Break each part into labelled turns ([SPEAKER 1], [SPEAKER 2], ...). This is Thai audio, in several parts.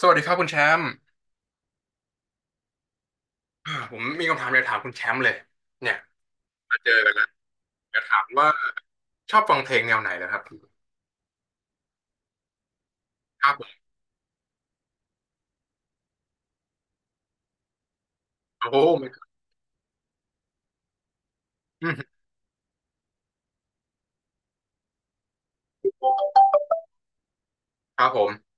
[SPEAKER 1] สวัสดีครับคุณแชมป์ผมมีคำถามอยากถามคุณแชมป์เลยเนี่ยมาเจอกันแล้วอยากถามว่าชอบฟังเพลงแนวไหนเหรอครับครับผมโอ้โหไม่อืมครับผม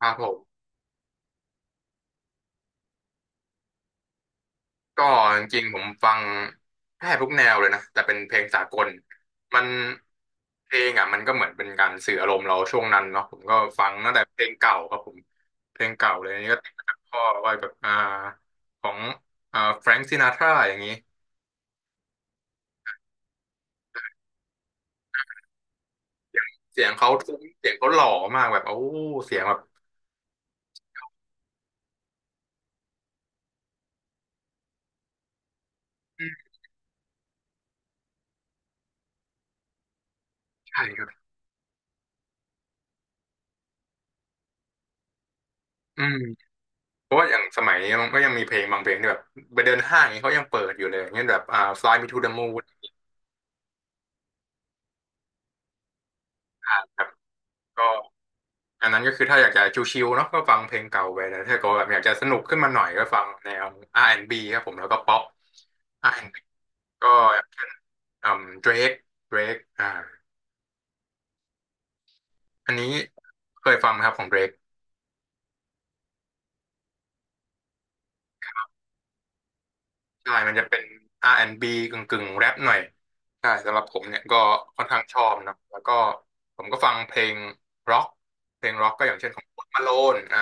[SPEAKER 1] ครับผม ก็จริงๆผมฟังแทบทุกแนวเลยนะแต่เป็นเพลงสากลมันเพลงอ่ะมันก็เหมือนเป็นการสื่ออารมณ์เราช่วงนั้นเนาะผมก็ฟังตั้งแต่เพลงเก่าครับผมเพลงเก่าเลยอันนี่ก็ติดมาจากพ่อว่าแบบของแฟรงซินาทราอย่างนี้เสียงเขาทุ้มเสียงเขาหล่อมากแบบโอ้เสียงแบบ ใช่ครับอืมเพราะว่าอย่างสมัยนี้มันก็ยังมีเพลงบางเพลงที่แบบไปเดินห้างอย่างเงี้ยเขายังเปิดอยู่เลยอย่างเงี้ยแบบFly Me to the Moon อ่าครับก็อันนั้นก็คือถ้าอยากจะชิลๆเนาะก็ฟังเพลงเก่าไปแต่ถ้าเก็แบบอยากจะสนุกขึ้นมาหน่อยก็ฟังแนว R&B ครับผมแล้วก็ป๊อป R&B ก็อืม Drake Drake อันนี้เคยฟังไหมครับของ Drake ใช่มันจะเป็น R&B กึ่งแรปหน่อยใช่สำหรับผมเนี่ยก็ค่อนข้างชอบนะแล้วก็ผมก็ฟังเพลงร็อกเพลงร็อกก็อย่างเช่นของพลมาโลน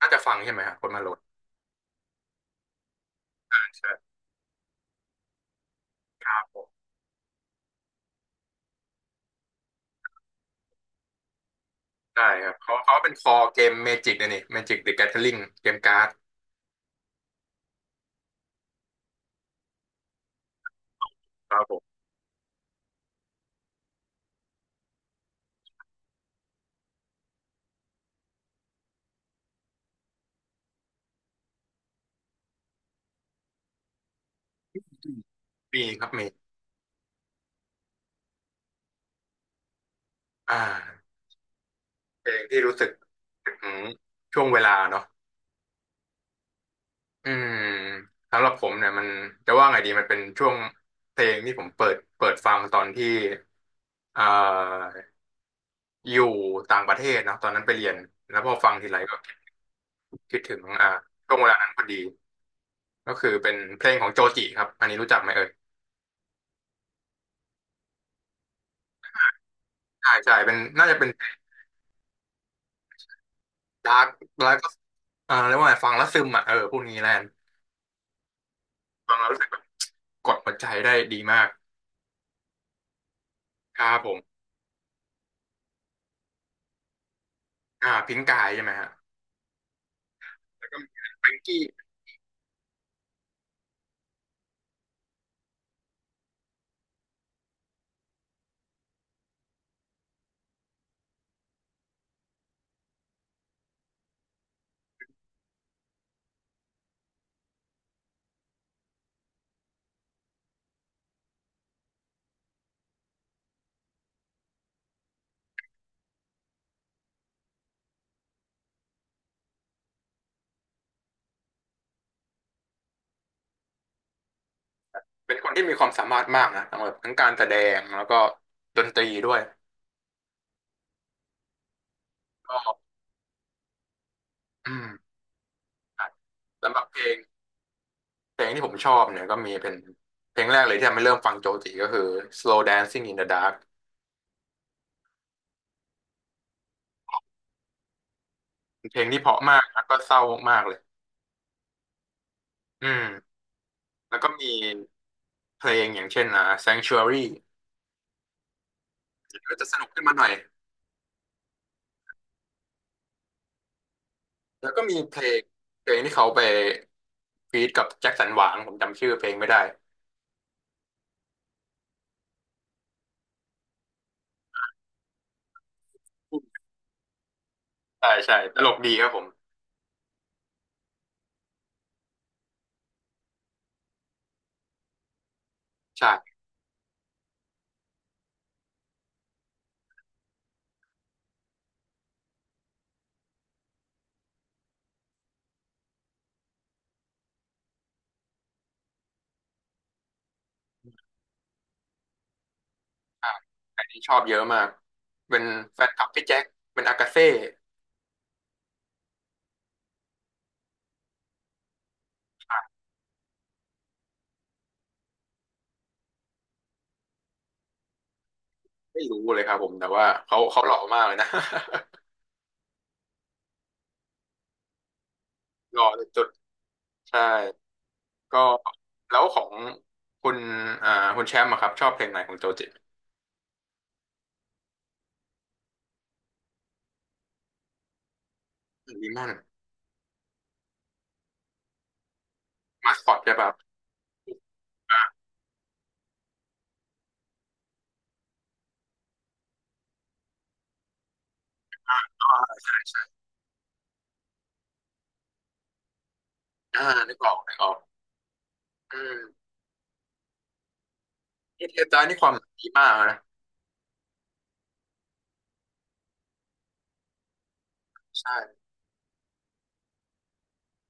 [SPEAKER 1] น่าจะฟังใช่ไหมครับพลมาโลนใช่ครับผมใช่ครับเขาเป็นคอเกมเมจิกนะนี่เมจิกเดอะแก t h ริ n งเกมการ์ดครับผมมีครับมีอ่าเพลงที่รู้สึกถึงช่วงเวลาเนาะอืมสำหรับผมเนี่ยมันจะว่าไงดีมันเป็นช่วงเพลงที่ผมเปิดฟังตอนที่อ่า อยู่ต่างประเทศเนอะตอนนั้นไปเรียนแล้วพอฟังทีไรก็คิดถึงช่วงเวลานั้นพอดีก็คือเป็นเพลงของโจจิครับอันนี้รู้จักไหมเอ่ยใช่ใช่เป็นน่าจะเป็นดาร์กแล้วก็เรียกว่าไงฟังแล้วซึมอ่ะเออพูดงี้แลนฟังแล้วรู้สึกแบบกดหัวใจได้ดีมากครับผมพิงกายใช่ไหมฮะแล้วก็มีแฟรงกี้เป็นคนที่มีความสามารถมากนะทั้งแบบทั้งการแสดงแล้วก็ดนตรีด้วยก็อืมสำหรับเพลง เพลงที่ผมชอบเนี่ยก็มีเป็นเพลงแรกเลยที่ทำให้เริ่มฟังโจจิก็คือ Slow Dancing in the Dark เพลงที่เพราะมากแล้วก็เศร้ามากเลยอืมแล้วก็มีเพลงอย่างเช่นSanctuary ก็จะสนุกขึ้นมาหน่อย แล้วก็มีเพลงเพลงที่เขาไปฟีดกับแจ็คสันหวังผมจำชื่อเพลงไม่ได้ ใช่ใช่ตลกดีครับผม ใช่อ่าใครที่ชอบเยอะมาก เป็นแฟนคลับพี่แจ็ค เป็นอากาเซ่ไม่รู้เลยครับผมแต่ว่าเขาหล่อมากเลยนะ หล่อสุดๆใช่ ก็แล้วของคุณอ่าคุณแชมป์อะครับชอบเพลงไหนของโจจิดีมอนมาสคอตใช่ป่ะอ่าอ่านึกออกอืมเอเทตานี่ความดีมากนะใช่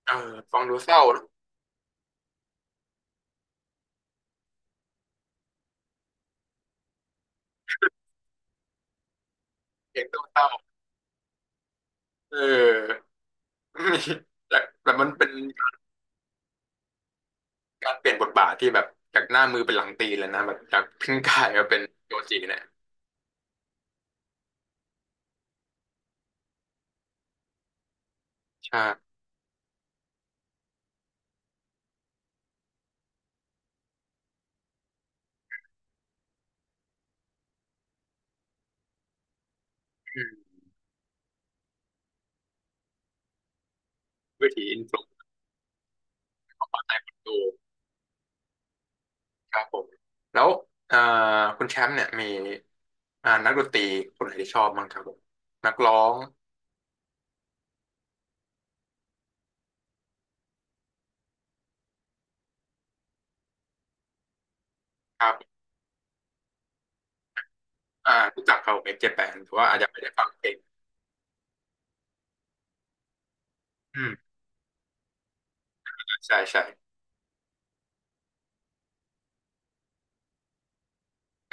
[SPEAKER 1] เออฟังดูเศร้านะเพลงเศร้าๆเออ มีแต่แต่มันเป็นการเปลี่ยนบทบาทที่แบบจากหน้ามือเป็นหลังตีแเลยนะแบบจากพิงกายมาเป็นโจจิเนี่ยใช่อืมวิถีอินฟลู ครับผมแล้วเอ่อคุณแชมป์เนี่ยมีนักดนตรีคนไหนที่ชอบบ้างครับผมนักร้องครับรู้จักครับผมเอ็กเจแปนแต่ว่าอาจจะไม่ได้ฟังเพลงอืมใช่ใช่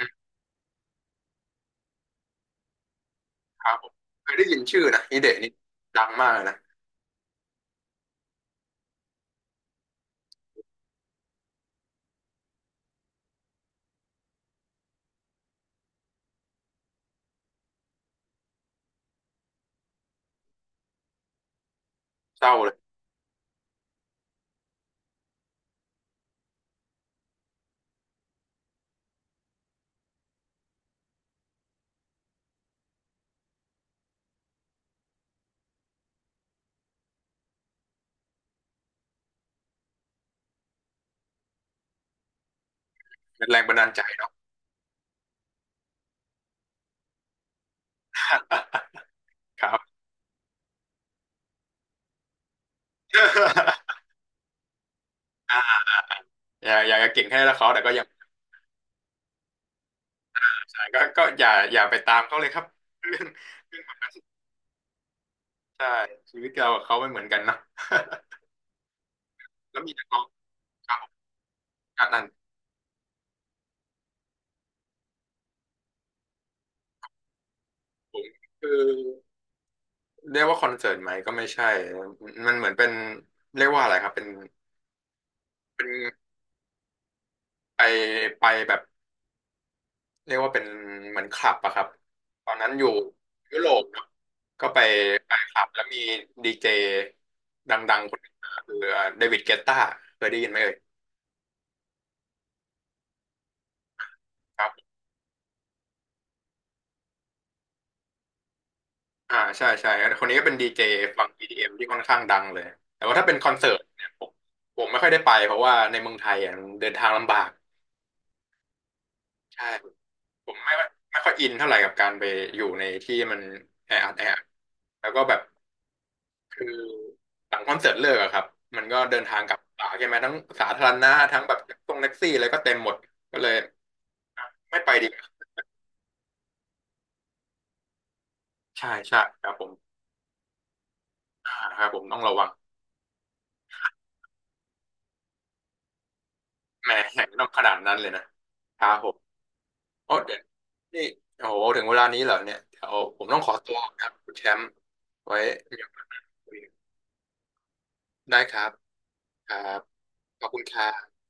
[SPEAKER 1] อืมครับผมเคยได้ยินชื่อนะฮิเดะนี่ดังมากเลยนะเศร้าเลยเป็นแรงบันดาลใจเนาะ ครับ อย่าอย่าเก่งแค่และเขาแต่ก็ยังใช่ก็ก็อย่าอย่าไปตามเขาเลยครับ เรื่องเรื่องใช่ชีวิตเรากับเขาไม่เหมือนกันเนอะ แล้วมีนักร้องครับผมอ่ะนั่นคือ เรียกว่าคอนเสิร์ตไหมก็ไม่ใช่ มันเหมือนเป็นเรียกว่าอะไรครับเป็นเป็นไปไปแบบเรียกว่าเป็นเหมือนคลับอะครับตอนนั้นอยู่ยุโรปครับก็ไปไปคลับแล้วมีดีเจดังๆคนหนึงคือเดวิดเกตตาเคยได้ยินไหมเอ่ยครับใช่ใช่คนนี้ก็เป็นดีเจฝั่งอดีเอ็มที่ค่อนข้างดังเลยแต่ว่าถ้าเป็นคอนเสิร์ตเนี่ยผมไม่ค่อยได้ไปเพราะว่าในเมืองไทยอ่ะมันเดินทางลำบากใช่ ผมไม่ค่อยไม่ค่อยอินเท่าไหร่กับการไปอยู่ในที่มันแออัดแล้วก็แบบคือหลังคอนเสิร์ตเลิกอะครับมันก็เดินทางกลับป่าใช่ไหมทั้งสาธารณะทั้งแบบตรงแท็กซี่อะไรก็เต็มหมดก็เลยไม่ไปดีกว่าใช่ใช่ครับผมอ่าครับผมต้องระวังแหมต้องขนาดนั้นเลยนะครับผมโอ้เดี๋ยวนี่โอ้โหถึงเวลานี้เหรอเนี่ยเดี๋ยวผมต้องขอตัวครับคุณแชมป์ไว้มีโอกาสคุยกันได้ครับครับขอบคุณครับ